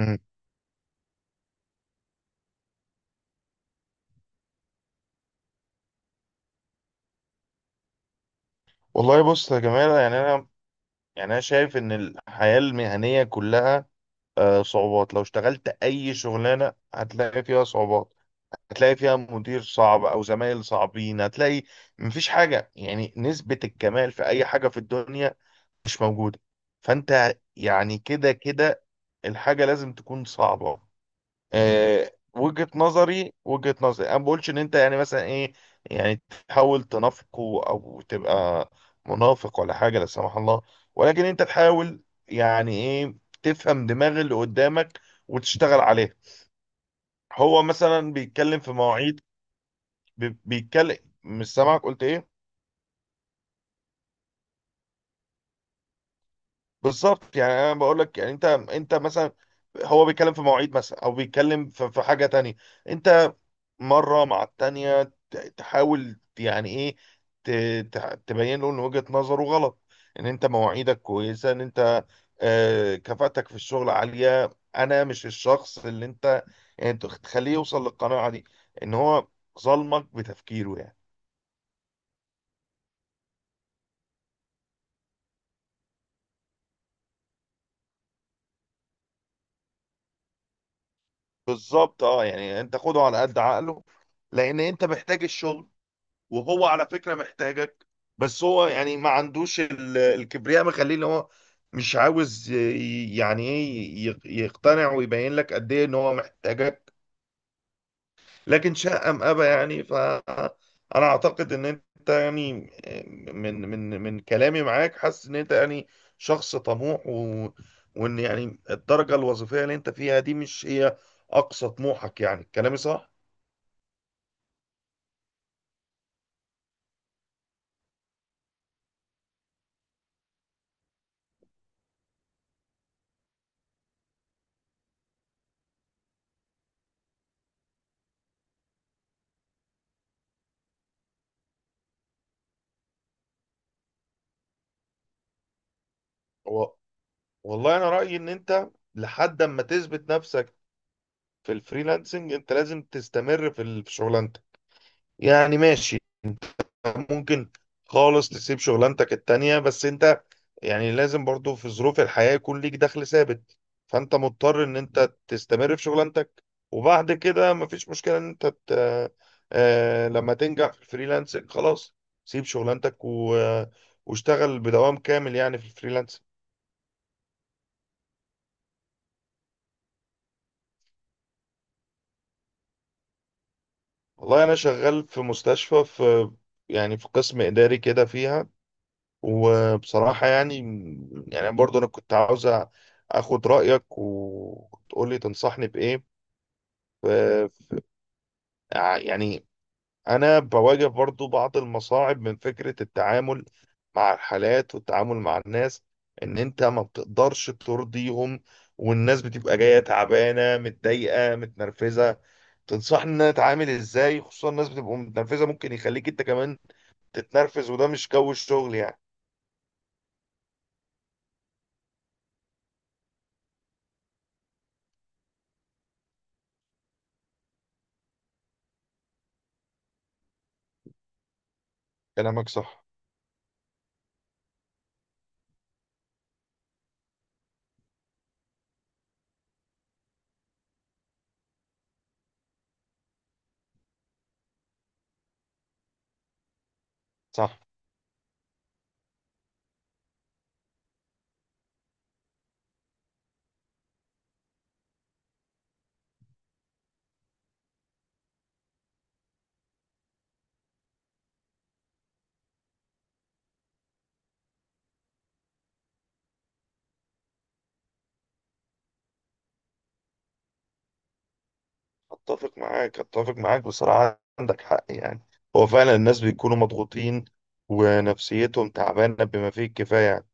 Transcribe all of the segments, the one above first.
مم. والله بص يا جمال، يعني انا شايف ان الحياه المهنيه كلها صعوبات. لو اشتغلت اي شغلانه هتلاقي فيها صعوبات، هتلاقي فيها مدير صعب او زمايل صعبين. هتلاقي مفيش حاجه، يعني نسبه الكمال في اي حاجه في الدنيا مش موجوده. فانت يعني كده كده الحاجه لازم تكون صعبه. وجهة نظري، وجهة نظري انا ما بقولش ان انت يعني مثلا ايه، يعني تحاول تنافقه او تبقى منافق ولا حاجة لا سمح الله، ولكن انت تحاول يعني ايه تفهم دماغ اللي قدامك وتشتغل عليه. هو مثلا بيتكلم في مواعيد، بيتكلم. مش سامعك، قلت ايه؟ بالظبط. يعني انا بقول لك يعني انت مثلا، هو بيتكلم في مواعيد مثلا او بيتكلم في حاجة تانية. انت مرة مع التانية تحاول يعني ايه ت- تبين له ان وجهة نظره غلط، ان انت مواعيدك كويسة، ان انت كفاءتك في الشغل عالية. انا مش الشخص اللي انت يعني تخليه يوصل للقناعة دي، ان هو ظلمك بتفكيره يعني. بالظبط. اه يعني انت خده على قد عقله، لان انت محتاج الشغل، وهو على فكرة محتاجك. بس هو يعني ما عندوش الكبرياء مخليه ان هو مش عاوز يعني ايه يقتنع ويبين لك قد ايه ان هو محتاجك. لكن شاء ام ابى يعني. فانا اعتقد ان انت يعني من كلامي معاك حاسس ان انت يعني شخص طموح وان يعني الدرجة الوظيفية اللي انت فيها دي مش هي اقصى طموحك. يعني كلامي صح؟ و... والله انا رأيي ان انت لحد اما تثبت نفسك في الفريلانسنج انت لازم تستمر في في شغلانتك. يعني ماشي، ممكن خالص تسيب شغلانتك التانية، بس انت يعني لازم برضو في ظروف الحياة يكون ليك دخل ثابت. فانت مضطر ان انت تستمر في شغلانتك، وبعد كده مفيش مشكلة ان انت لما تنجح في الفريلانسنج خلاص، سيب شغلانتك واشتغل بدوام كامل يعني في الفريلانسنج. والله انا شغال في مستشفى، في يعني في قسم اداري كده فيها. وبصراحة يعني، يعني برضو أنا كنت عاوز أخد رأيك وتقولي تنصحني بإيه. ف- يعني أنا بواجه برضو بعض المصاعب من فكرة التعامل مع الحالات والتعامل مع الناس. إن أنت ما بتقدرش ترضيهم، والناس بتبقى جاية تعبانة متضايقة متنرفزة. تنصحني إن أنا أتعامل إزاي؟ خصوصا الناس بتبقى متنرفزة، ممكن يخليك أنت كمان تتنرفز، وده مش جو الشغل يعني. كلامك صح صح. اتفق معاك، اتفق معاك. بصراحة عندك حق يعني. هو فعلا الناس بيكونوا مضغوطين ونفسيتهم تعبانة بما فيه الكفاية يعني.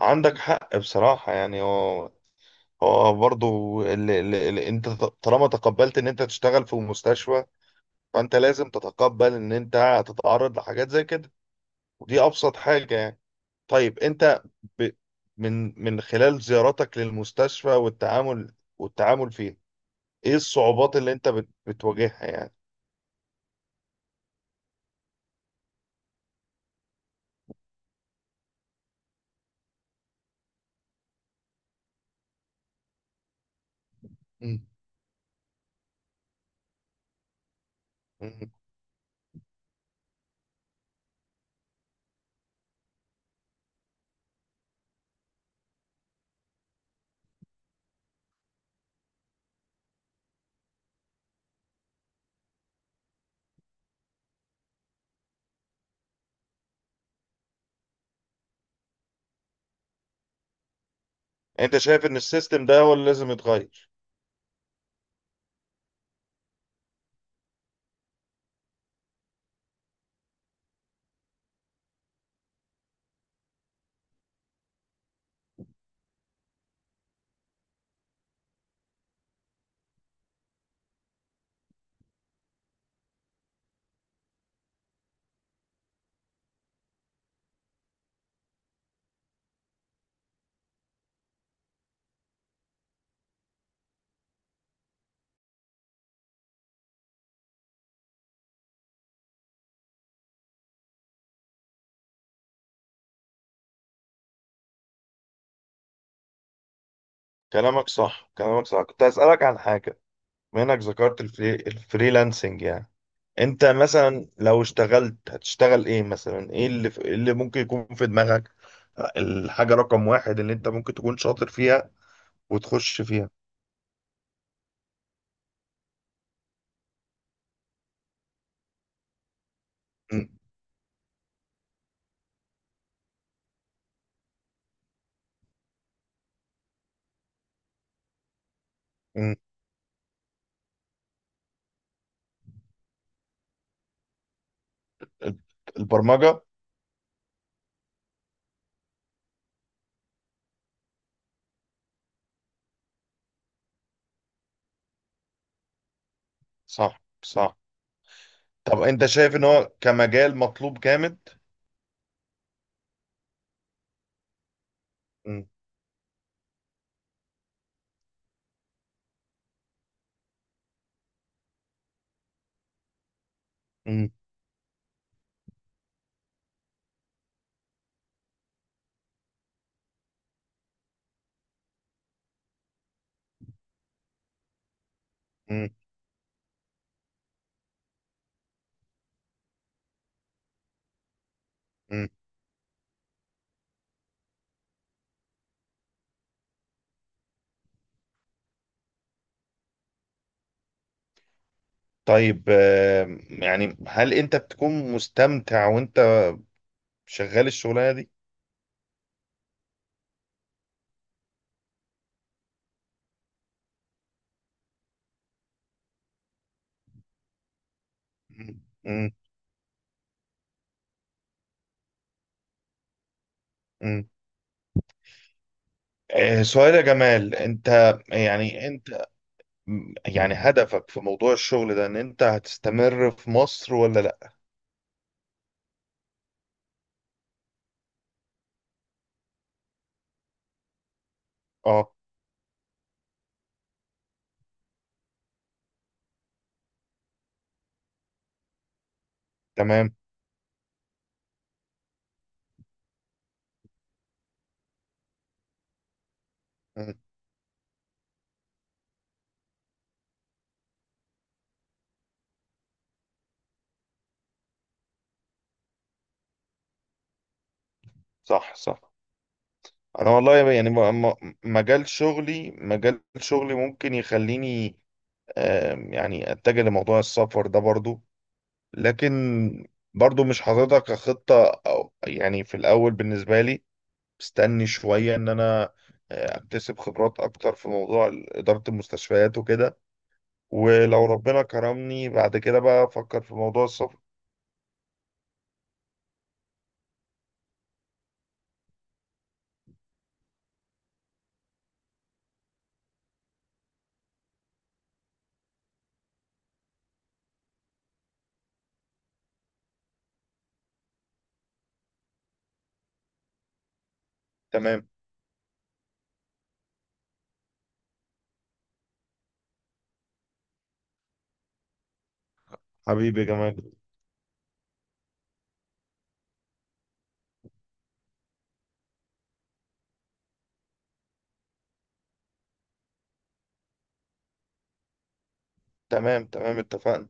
عندك حق بصراحة يعني. هو برضو اللي انت طالما تقبلت ان انت تشتغل في مستشفى، فانت لازم تتقبل ان انت هتتعرض لحاجات زي كده. ودي ابسط حاجة يعني. طيب انت ب... من خلال زياراتك للمستشفى والتعامل والتعامل فيه، ايه الصعوبات اللي انت بتواجهها يعني؟ مم. انت شايف ان السيستم ده هو اللي لازم يتغير؟ كلامك صح، كلامك صح. كنت هسألك عن حاجة. بما انك ذكرت الفريلانسنج يعني، انت مثلا لو اشتغلت هتشتغل ايه مثلا؟ ايه اللي إيه اللي ممكن يكون في دماغك؟ الحاجة رقم واحد اللي انت ممكن تكون شاطر فيها وتخش فيها. م- م. البرمجة. صح صح. طب انت شايف ان هو كمجال مطلوب جامد؟ م- م- م- م. طيب يعني هل انت بتكون مستمتع وانت شغال الشغلانه دي؟ مم. مم. مم. سؤال يا جمال. انت يعني انت يعني هدفك في موضوع الشغل ده ان انت هتستمر في مصر ولا لا؟ اه. تمام. مم. صح صح. انا والله يعني مجال شغلي، مجال شغلي ممكن يخليني يعني اتجه لموضوع السفر ده برضو. لكن برضو مش حاططها كخطة، أو يعني في الأول بالنسبة لي مستني شوية إن أنا أكتسب خبرات أكتر في موضوع إدارة المستشفيات وكده. ولو ربنا كرمني بعد كده بقى أفكر في موضوع السفر. تمام. حبيبي يا جمال. تمام تمام اتفقنا.